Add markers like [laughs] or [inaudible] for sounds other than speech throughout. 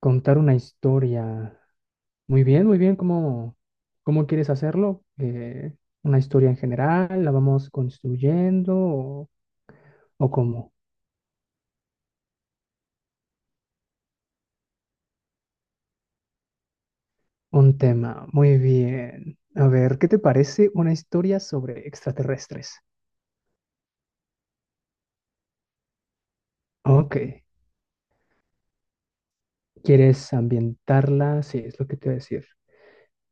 Contar una historia. Muy bien, muy bien. ¿Cómo, cómo quieres hacerlo? ¿Una historia en general? ¿La vamos construyendo? ¿O cómo? Un tema. Muy bien. A ver, ¿qué te parece una historia sobre extraterrestres? Ok. ¿Quieres ambientarla? Sí, es lo que te voy a decir.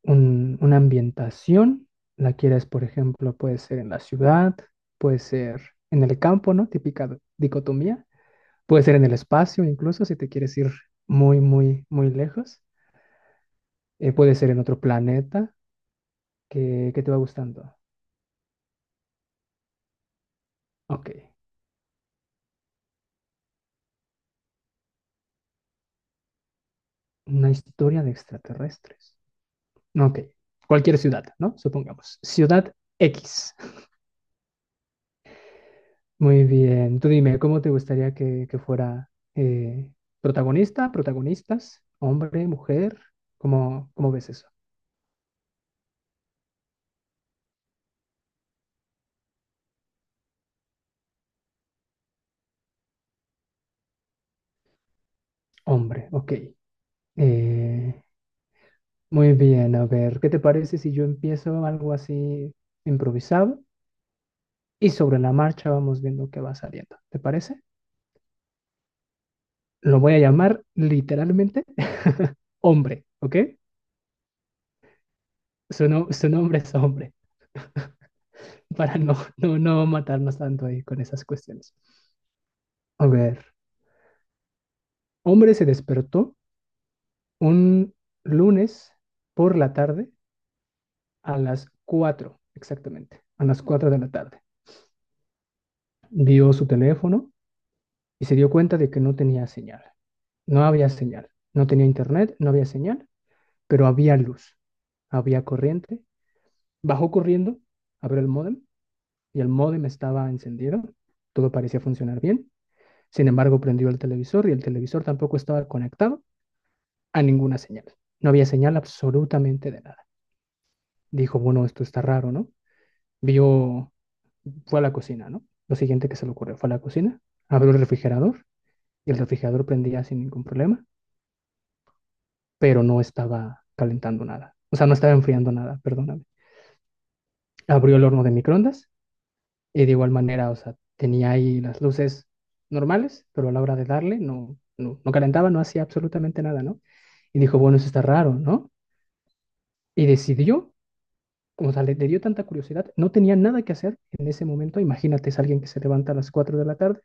Una ambientación. La quieres, por ejemplo, puede ser en la ciudad, puede ser en el campo, ¿no? Típica dicotomía. Puede ser en el espacio, incluso si te quieres ir muy, muy, muy lejos. Puede ser en otro planeta que te va gustando. Ok, una historia de extraterrestres. Ok, cualquier ciudad, ¿no? Supongamos. Ciudad X. Muy bien, tú dime, ¿cómo te gustaría que fuera protagonista, protagonistas, hombre, mujer? ¿Cómo, cómo ves eso? Hombre, ok. Eh, Muy bien, a ver, ¿qué te parece si yo empiezo algo así improvisado y sobre la marcha vamos viendo qué va saliendo? ¿Te parece? Lo voy a llamar literalmente [laughs] hombre, ¿ok? Su, no- su nombre es hombre, [laughs] para no matarnos tanto ahí con esas cuestiones. A ver, hombre se despertó un lunes por la tarde a las 4 exactamente, a las 4 de la tarde. Vio su teléfono y se dio cuenta de que no tenía señal. No había señal, no tenía internet, no había señal, pero había luz, había corriente. Bajó corriendo, abrió el módem y el módem estaba encendido. Todo parecía funcionar bien. Sin embargo, prendió el televisor y el televisor tampoco estaba conectado a ninguna señal. No había señal absolutamente de nada. Dijo, bueno, esto está raro, ¿no? Vio, fue a la cocina, ¿no? Lo siguiente que se le ocurrió fue a la cocina, abrió el refrigerador y el refrigerador prendía sin ningún problema, pero no estaba calentando nada. O sea, no estaba enfriando nada, perdóname. Abrió el horno de microondas y de igual manera, o sea, tenía ahí las luces normales, pero a la hora de darle no calentaba, no hacía absolutamente nada, ¿no? Y dijo, bueno, eso está raro, ¿no? Y decidió, como o sea, le dio tanta curiosidad, no tenía nada que hacer en ese momento. Imagínate, es alguien que se levanta a las 4 de la tarde,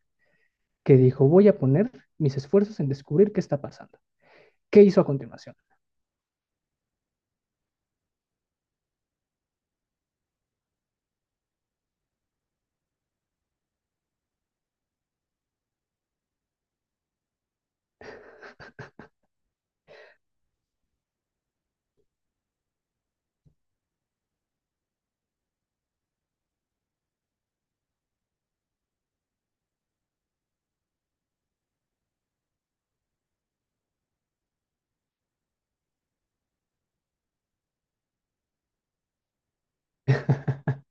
que dijo, voy a poner mis esfuerzos en descubrir qué está pasando. ¿Qué hizo a continuación? [laughs]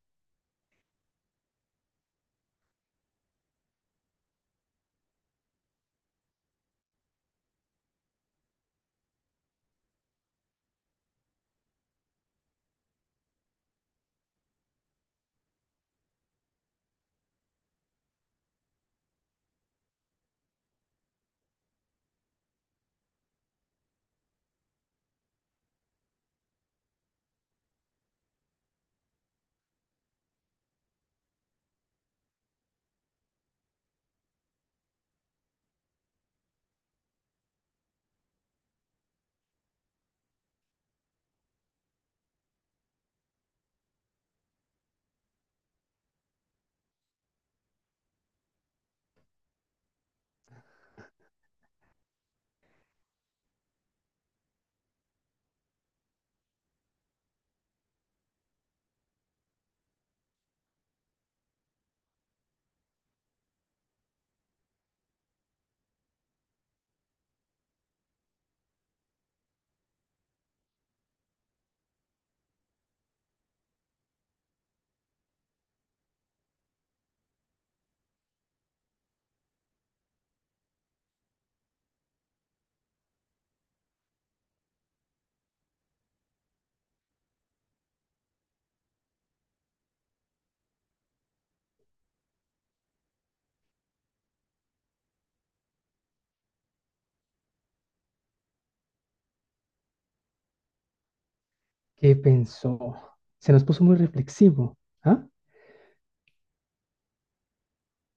¿Qué pensó? Se nos puso muy reflexivo, ¿ah?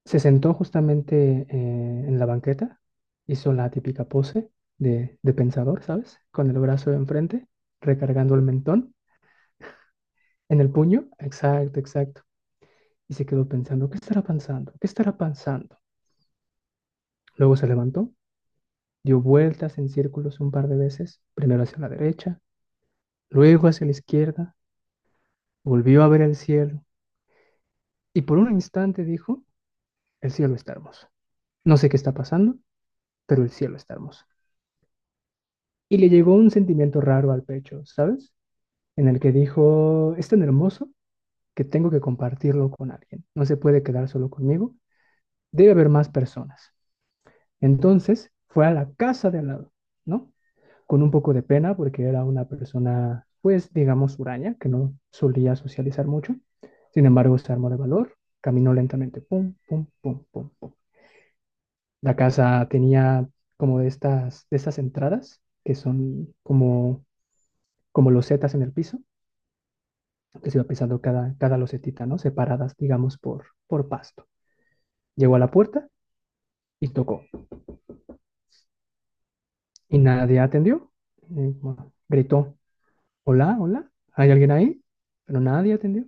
Se sentó justamente en la banqueta, hizo la típica pose de pensador, ¿sabes? Con el brazo enfrente, recargando el mentón en el puño. Exacto, exacto. Y se quedó pensando, ¿qué estará pensando? ¿Qué estará pensando? Luego se levantó, dio vueltas en círculos un par de veces, primero hacia la derecha, luego hacia la izquierda, volvió a ver el cielo y por un instante dijo, el cielo está hermoso. No sé qué está pasando, pero el cielo está hermoso. Y le llegó un sentimiento raro al pecho, ¿sabes?, en el que dijo, es tan hermoso que tengo que compartirlo con alguien, no se puede quedar solo conmigo, debe haber más personas. Entonces fue a la casa de al lado, ¿no? Con un poco de pena porque era una persona, pues digamos, huraña, que no solía socializar mucho. Sin embargo, se armó de valor, caminó lentamente, pum, pum, pum, pum, pum. La casa tenía como de estas entradas que son como, como losetas en el piso que se iba pisando cada losetita, ¿no? Separadas, digamos, por pasto. Llegó a la puerta y tocó. Y nadie atendió. Y, bueno, gritó, hola, hola, ¿hay alguien ahí? Pero nadie atendió.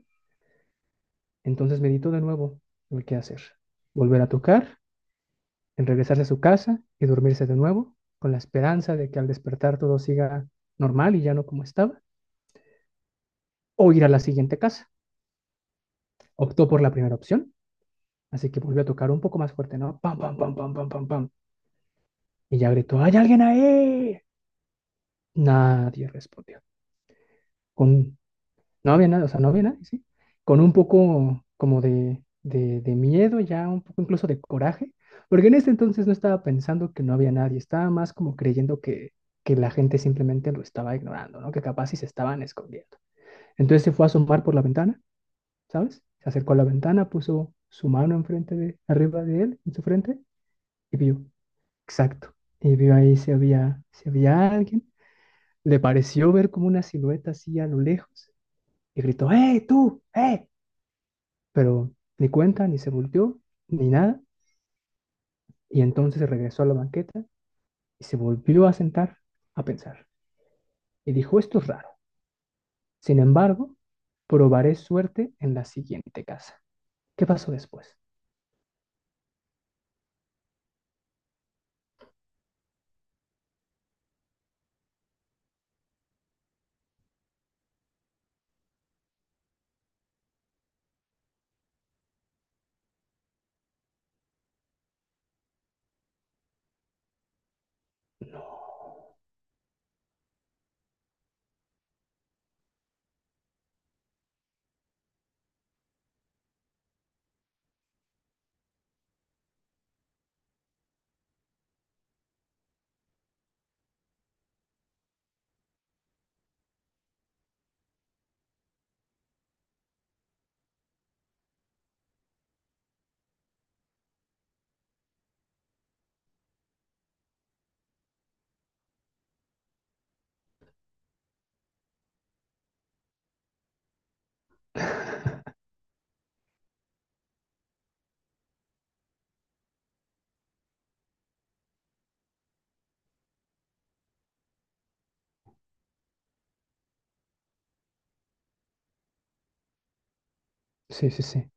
Entonces meditó de nuevo el qué hacer. Volver a tocar, en regresarse a su casa y dormirse de nuevo, con la esperanza de que al despertar todo siga normal y ya no como estaba, o ir a la siguiente casa. Optó por la primera opción, así que volvió a tocar un poco más fuerte, ¿no? Pam, pam, pam, pam, pam, pam, pam. Y ya gritó, ¿hay alguien ahí? Nadie respondió. Con, no había nada, o sea, no había nadie, ¿sí? Con un poco como de miedo, ya un poco incluso de coraje, porque en ese entonces no estaba pensando que no había nadie, estaba más como creyendo que la gente simplemente lo estaba ignorando, ¿no? Que capaz sí se estaban escondiendo. Entonces se fue a asomar por la ventana, ¿sabes? Se acercó a la ventana, puso su mano enfrente de, arriba de él, en su frente, y vio, exacto, y vio ahí si había, si había alguien. Le pareció ver como una silueta así a lo lejos y gritó, ¡hey, tú! ¡Eh! Pero ni cuenta, ni se volteó, ni nada, y entonces regresó a la banqueta y se volvió a sentar a pensar. Y dijo, esto es raro. Sin embargo, probaré suerte en la siguiente casa. ¿Qué pasó después? [laughs] Sí, sí, sí.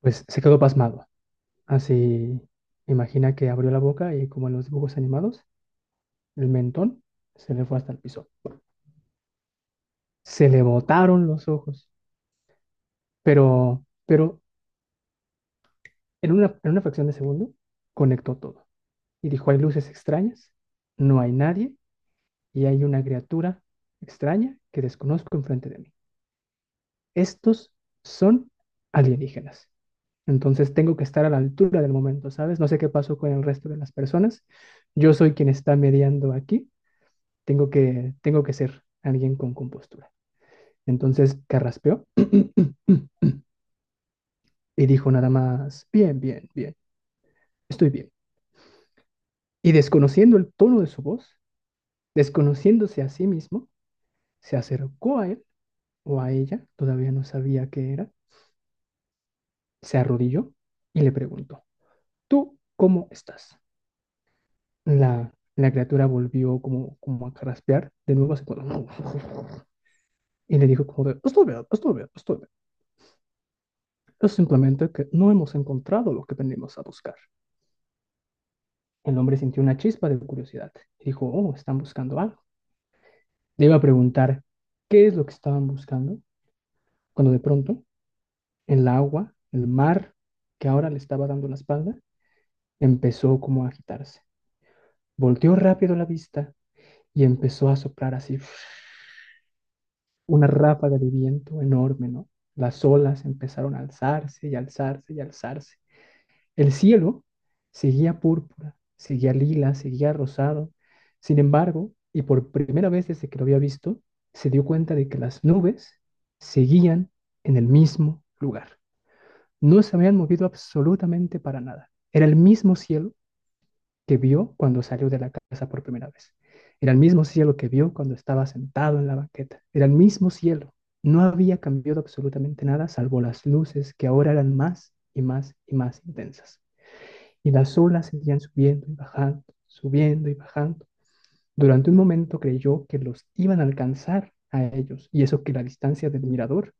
Pues se quedó pasmado. Así, imagina que abrió la boca y como en los dibujos animados, el mentón se le fue hasta el piso. Se le botaron los ojos. Pero en una fracción de segundo, conectó todo. Y dijo, hay luces extrañas, no hay nadie y hay una criatura extraña que desconozco enfrente de mí. Estos son alienígenas. Entonces tengo que estar a la altura del momento, ¿sabes? No sé qué pasó con el resto de las personas. Yo soy quien está mediando aquí. Tengo que ser alguien con compostura. Entonces carraspeó [clears throat] y dijo nada más, bien, bien, bien, estoy bien. Y desconociendo el tono de su voz, desconociéndose a sí mismo, se acercó a él o a ella, todavía no sabía qué era, se arrodilló y le preguntó, ¿tú cómo estás? La criatura volvió como, como a carraspear de nuevo así como, y le dijo como de, estoy bien, estoy bien, estoy bien. Es simplemente que no hemos encontrado lo que venimos a buscar. El hombre sintió una chispa de curiosidad, dijo, oh, están buscando algo. Le iba a preguntar qué es lo que estaban buscando, cuando de pronto el agua, el mar, que ahora le estaba dando la espalda, empezó como a agitarse. Volteó rápido la vista y empezó a soplar así [sniffs] una ráfaga de viento enorme, ¿no? Las olas empezaron a alzarse y alzarse y alzarse. El cielo seguía púrpura, seguía lila, seguía rosado. Sin embargo, y por primera vez desde que lo había visto, se dio cuenta de que las nubes seguían en el mismo lugar. No se habían movido absolutamente para nada. Era el mismo cielo que vio cuando salió de la casa por primera vez. Era el mismo cielo que vio cuando estaba sentado en la banqueta. Era el mismo cielo. No había cambiado absolutamente nada, salvo las luces que ahora eran más y más y más intensas. Y las olas seguían subiendo y bajando, subiendo y bajando. Durante un momento creyó que los iban a alcanzar a ellos, y eso que la distancia del mirador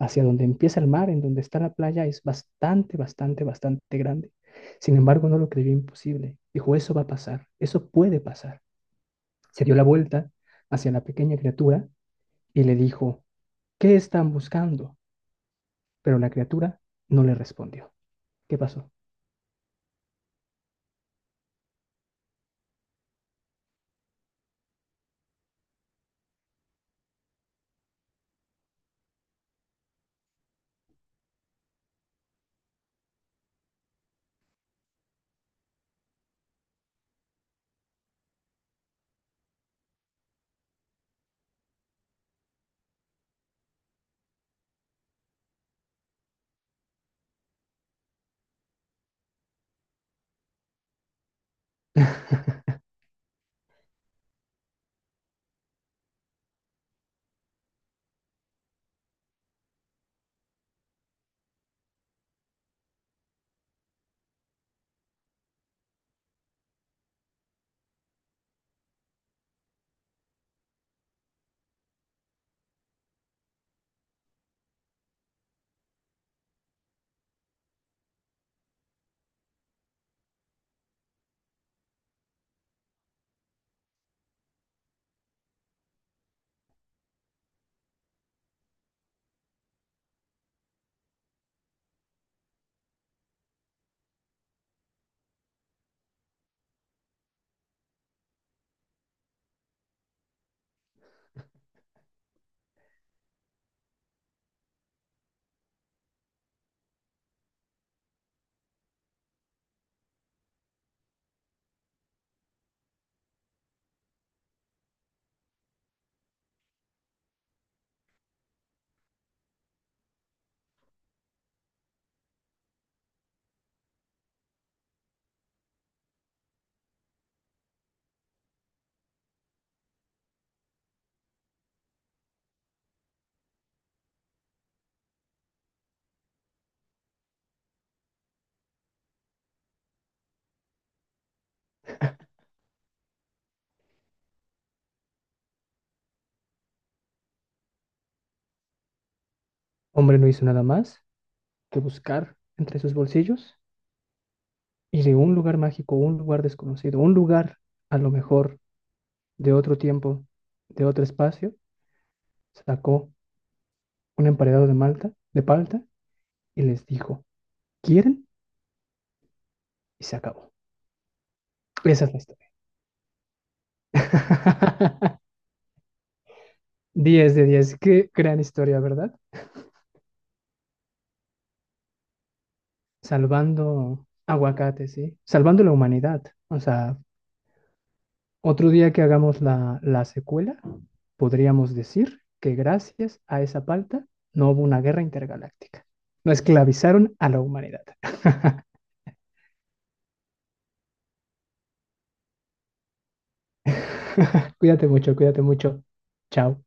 hacia donde empieza el mar, en donde está la playa, es bastante, bastante, bastante grande. Sin embargo, no lo creyó imposible. Dijo, eso va a pasar, eso puede pasar. Se dio la vuelta hacia la pequeña criatura y le dijo, ¿qué están buscando? Pero la criatura no le respondió. ¿Qué pasó? [laughs] Hombre no hizo nada más que buscar entre sus bolsillos y de un lugar mágico, un lugar desconocido, un lugar a lo mejor de otro tiempo, de otro espacio, sacó un emparedado de malta, de palta, y les dijo, ¿quieren? Y se acabó. Esa es la historia. [laughs] 10 de 10. Qué gran historia, ¿verdad? Salvando aguacate, sí. Salvando la humanidad. O sea, otro día que hagamos la secuela, podríamos decir que gracias a esa palta no hubo una guerra intergaláctica. No esclavizaron a la humanidad. [laughs] Cuídate mucho, cuídate mucho. Chao.